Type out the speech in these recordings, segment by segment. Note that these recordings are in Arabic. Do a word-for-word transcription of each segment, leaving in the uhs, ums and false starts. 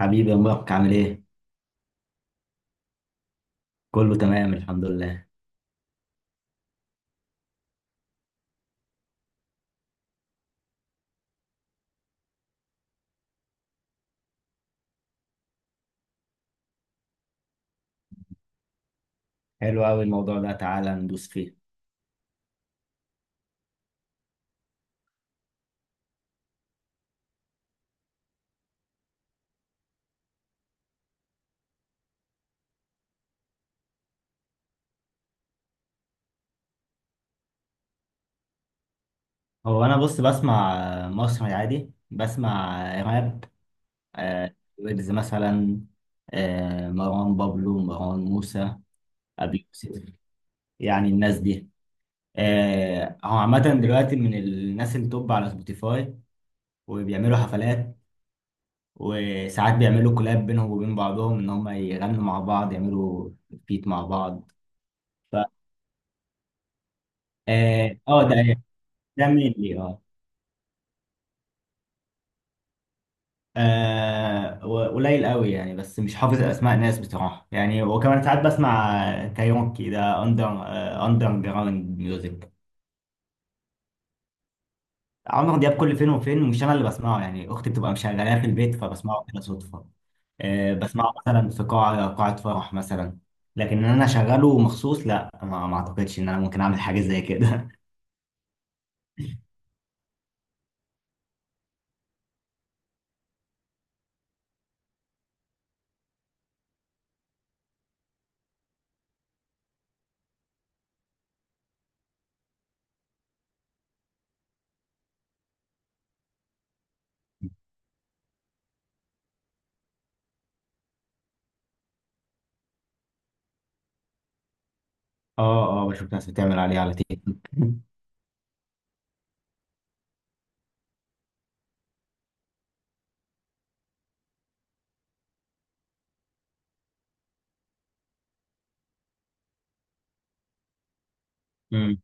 حبيبي يا مبارك، عامل ايه؟ كله تمام الحمد لله. حلو قوي الموضوع ده، تعالى ندوس فيه. هو انا بص بسمع آه، مصري عادي، بسمع آه، راب، آه، ويجز مثلا، آه، مروان بابلو، مروان موسى، ابي يوسف. يعني الناس دي، آه، هو عامة دلوقتي من الناس اللي توب على سبوتيفاي، وبيعملوا حفلات، وساعات بيعملوا كولاب بينهم وبين بعضهم، ان هم يغنوا مع بعض، يعملوا بيت مع بعض. ف اه آه، ده ده مين لي اه آه قليل قوي يعني، بس مش حافظ اسماء ناس بصراحه يعني. وكمان ساعات بسمع كايروكي، ده اندر آه اندر جراوند ميوزك. عمرو دياب كل فين وفين، مش انا اللي بسمعه يعني، اختي بتبقى مشغلاه في البيت، فبسمعه كده صدفه. آه، بسمعه مثلا في قاعه قاعه فرح مثلا، لكن ان انا اشغله مخصوص، لا، ما, ما اعتقدش ان انا ممكن اعمل حاجه زي كده. اه اه، بشوف ناس بتعمل عليه على تيك توك. أمم.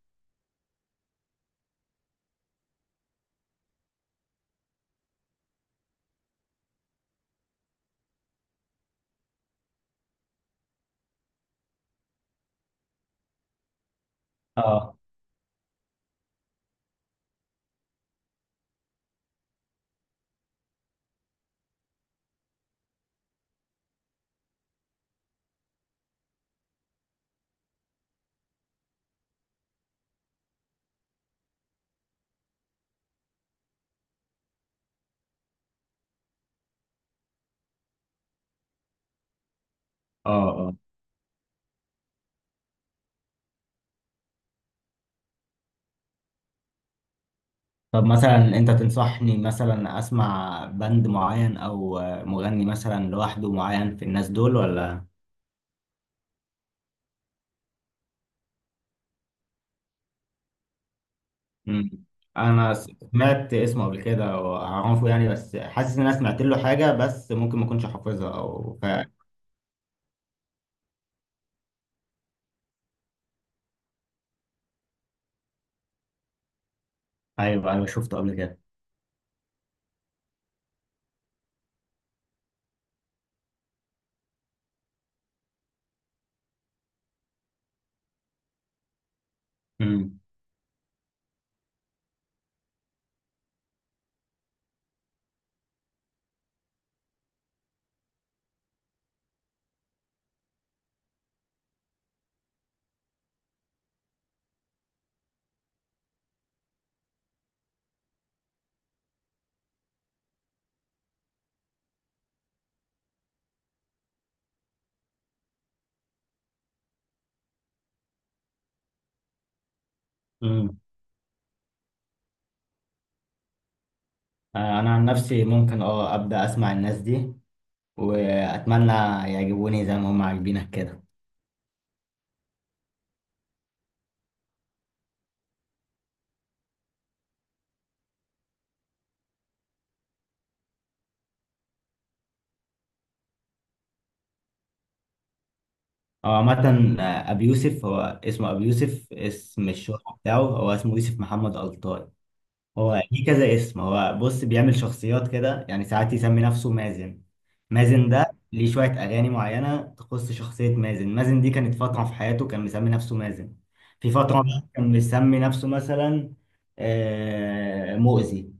اه اه، طب مثلا انت تنصحني مثلا اسمع بند معين او مغني مثلا لوحده معين في الناس دول ولا؟ مم. انا سمعت اسمه قبل كده واعرفه يعني، بس حاسس ان انا سمعت له حاجة، بس ممكن ما اكونش حافظها او ف... ايوه ايوه، شفته قبل كده. مم. مم. آه، انا عن نفسي ممكن اه ابدا اسمع الناس دي، واتمنى يعجبوني زي ما هم عاجبينك كده. هو عامة آه، أبي يوسف، هو اسمه أبي يوسف، اسم الشهرة بتاعه. هو اسمه يوسف محمد ألطاي. هو ليه كذا اسم؟ هو بص بيعمل شخصيات كده يعني، ساعات يسمي نفسه مازن. مازن ده ليه شوية أغاني معينة تخص شخصية مازن. مازن دي كانت فترة في حياته كان مسمي نفسه مازن. في فترة بقى كان مسمي نفسه مثلا آه، مؤذي.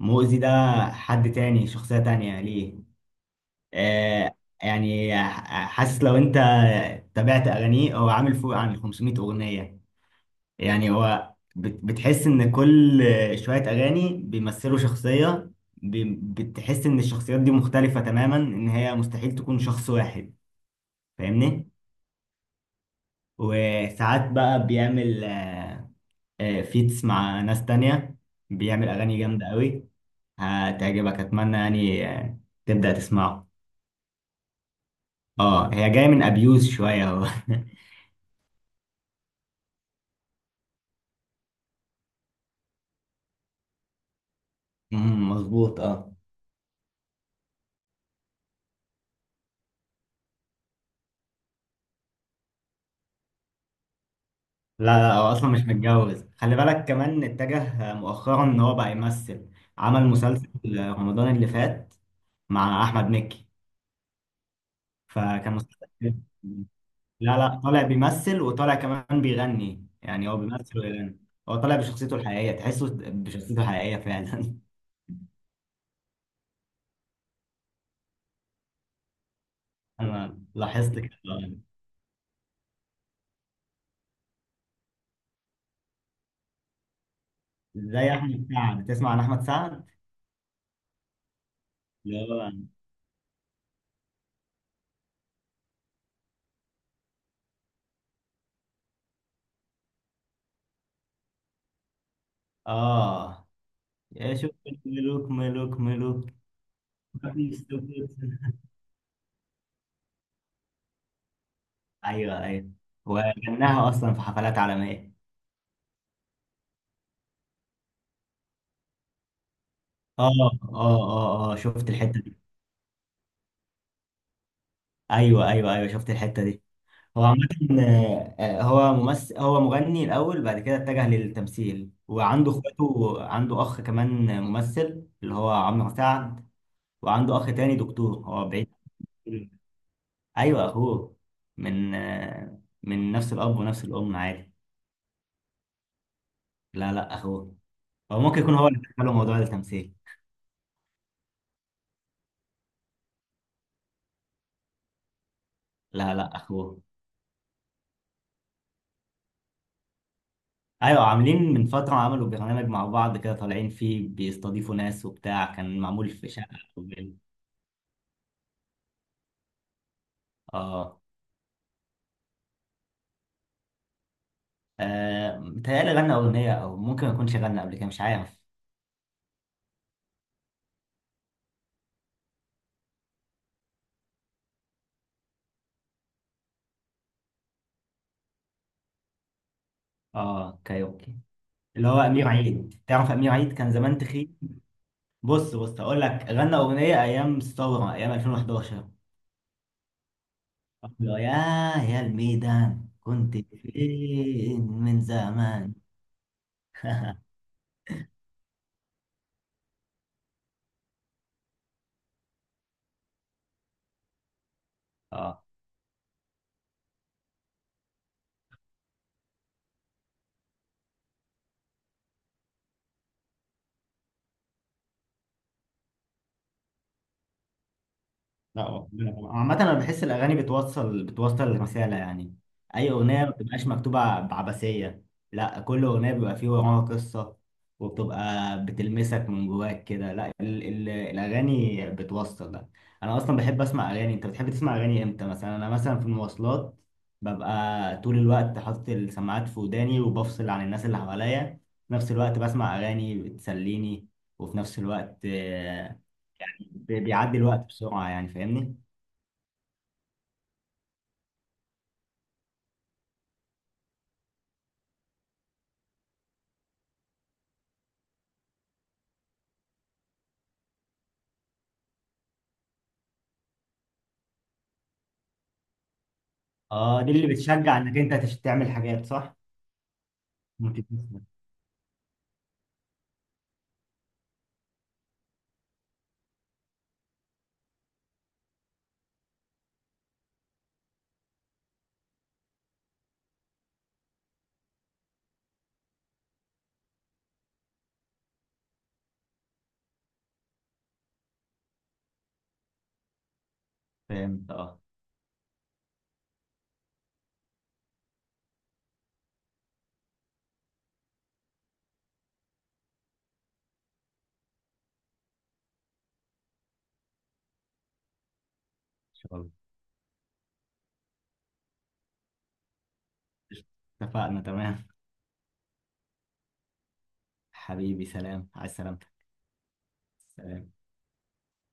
مؤذي ده حد تاني، شخصية تانية ليه. آه، يعني حاسس لو انت تابعت أغانيه، هو عامل فوق عن خمسمية أغنية يعني. هو بت- بتحس ان كل شوية اغاني بيمثلوا شخصية، بي- بتحس ان الشخصيات دي مختلفة تماما، ان هي مستحيل تكون شخص واحد. فاهمني؟ وساعات بقى بيعمل آه، آه، فيتس مع ناس تانية، بيعمل اغاني جامدة قوي هتعجبك. اتمنى يعني آه، تبدأ تسمعه. اه، هي جاية من ابيوز شوية. هو مم، مظبوط اه. لا لا، هو اصلا مش متجوز. خلي بالك كمان اتجه مؤخرا ان هو بقى يمثل. عمل مسلسل رمضان اللي فات مع احمد مكي، فكان مسلسل حلو. لا لا، طالع بيمثل، وطالع كمان بيغني، يعني هو بيمثل ويغني. هو طالع بشخصيته الحقيقية، تحسه بشخصيته الحقيقية فعلا. انا لاحظت كده. زي احمد سعد، تسمع عن احمد سعد؟ اللي هو اه، يا شوف، ملوك ملوك ملوك. مفيش سكوت. ايوه ايوه، وغناها اصلا في حفلات عالميه. اه اه اه اه، شفت الحته دي. ايوه ايوه ايوه، شفت الحته دي. هو عامه آه، آه، هو ممثل، هو مغني الاول، بعد كده اتجه للتمثيل. وعنده اخواته، عنده اخ كمان ممثل اللي هو عمرو سعد، وعنده اخ تاني دكتور هو بعيد. ايوه اخوه، من آه، من نفس الاب ونفس الام، عادي. لا لا اخوه. هو ممكن يكون هو اللي دخله موضوع التمثيل. لا لا اخوه. ايوه، عاملين من فترة عملوا برنامج مع بعض كده، طالعين فيه بيستضيفوا ناس وبتاع، كان معمول في شقة أو فيلا. اه آه، متهيألي غنى أغنية، أو ممكن ما يكونش غنى قبل كده، مش عارف. اه كايوكي اللي هو أمير عيد، تعرف أمير عيد كان زمان تخين؟ بص بص، أقول لك، غنى أغنية أيام الثورة، أيام ألفين وحداشر. يا يا الميدان، كنت فين من زمان؟ اه لا، عامة أنا بحس الأغاني بتوصل بتوصل رسالة يعني، أي أغنية ما بتبقاش مكتوبة بعبثية، لا كل أغنية بيبقى فيه وراها قصة، وبتبقى بتلمسك من جواك كده. لا، ال ال الأغاني بتوصل ده. أنا أصلا بحب أسمع أغاني. أنت بتحب تسمع أغاني إمتى؟ مثلا أنا مثلا في المواصلات ببقى طول الوقت حاطط السماعات في وداني، وبفصل عن الناس اللي حواليا، في نفس الوقت بسمع أغاني بتسليني، وفي نفس الوقت آه، بيعدي الوقت بسرعة يعني. فاهمني؟ اه دي اللي بتشجع انك انت تش- تعمل حاجات صح؟ ممكن تسمع. فهمت اه. ان شاء الله. اتفقنا تمام. حبيبي، سلام على السلامة. سلام.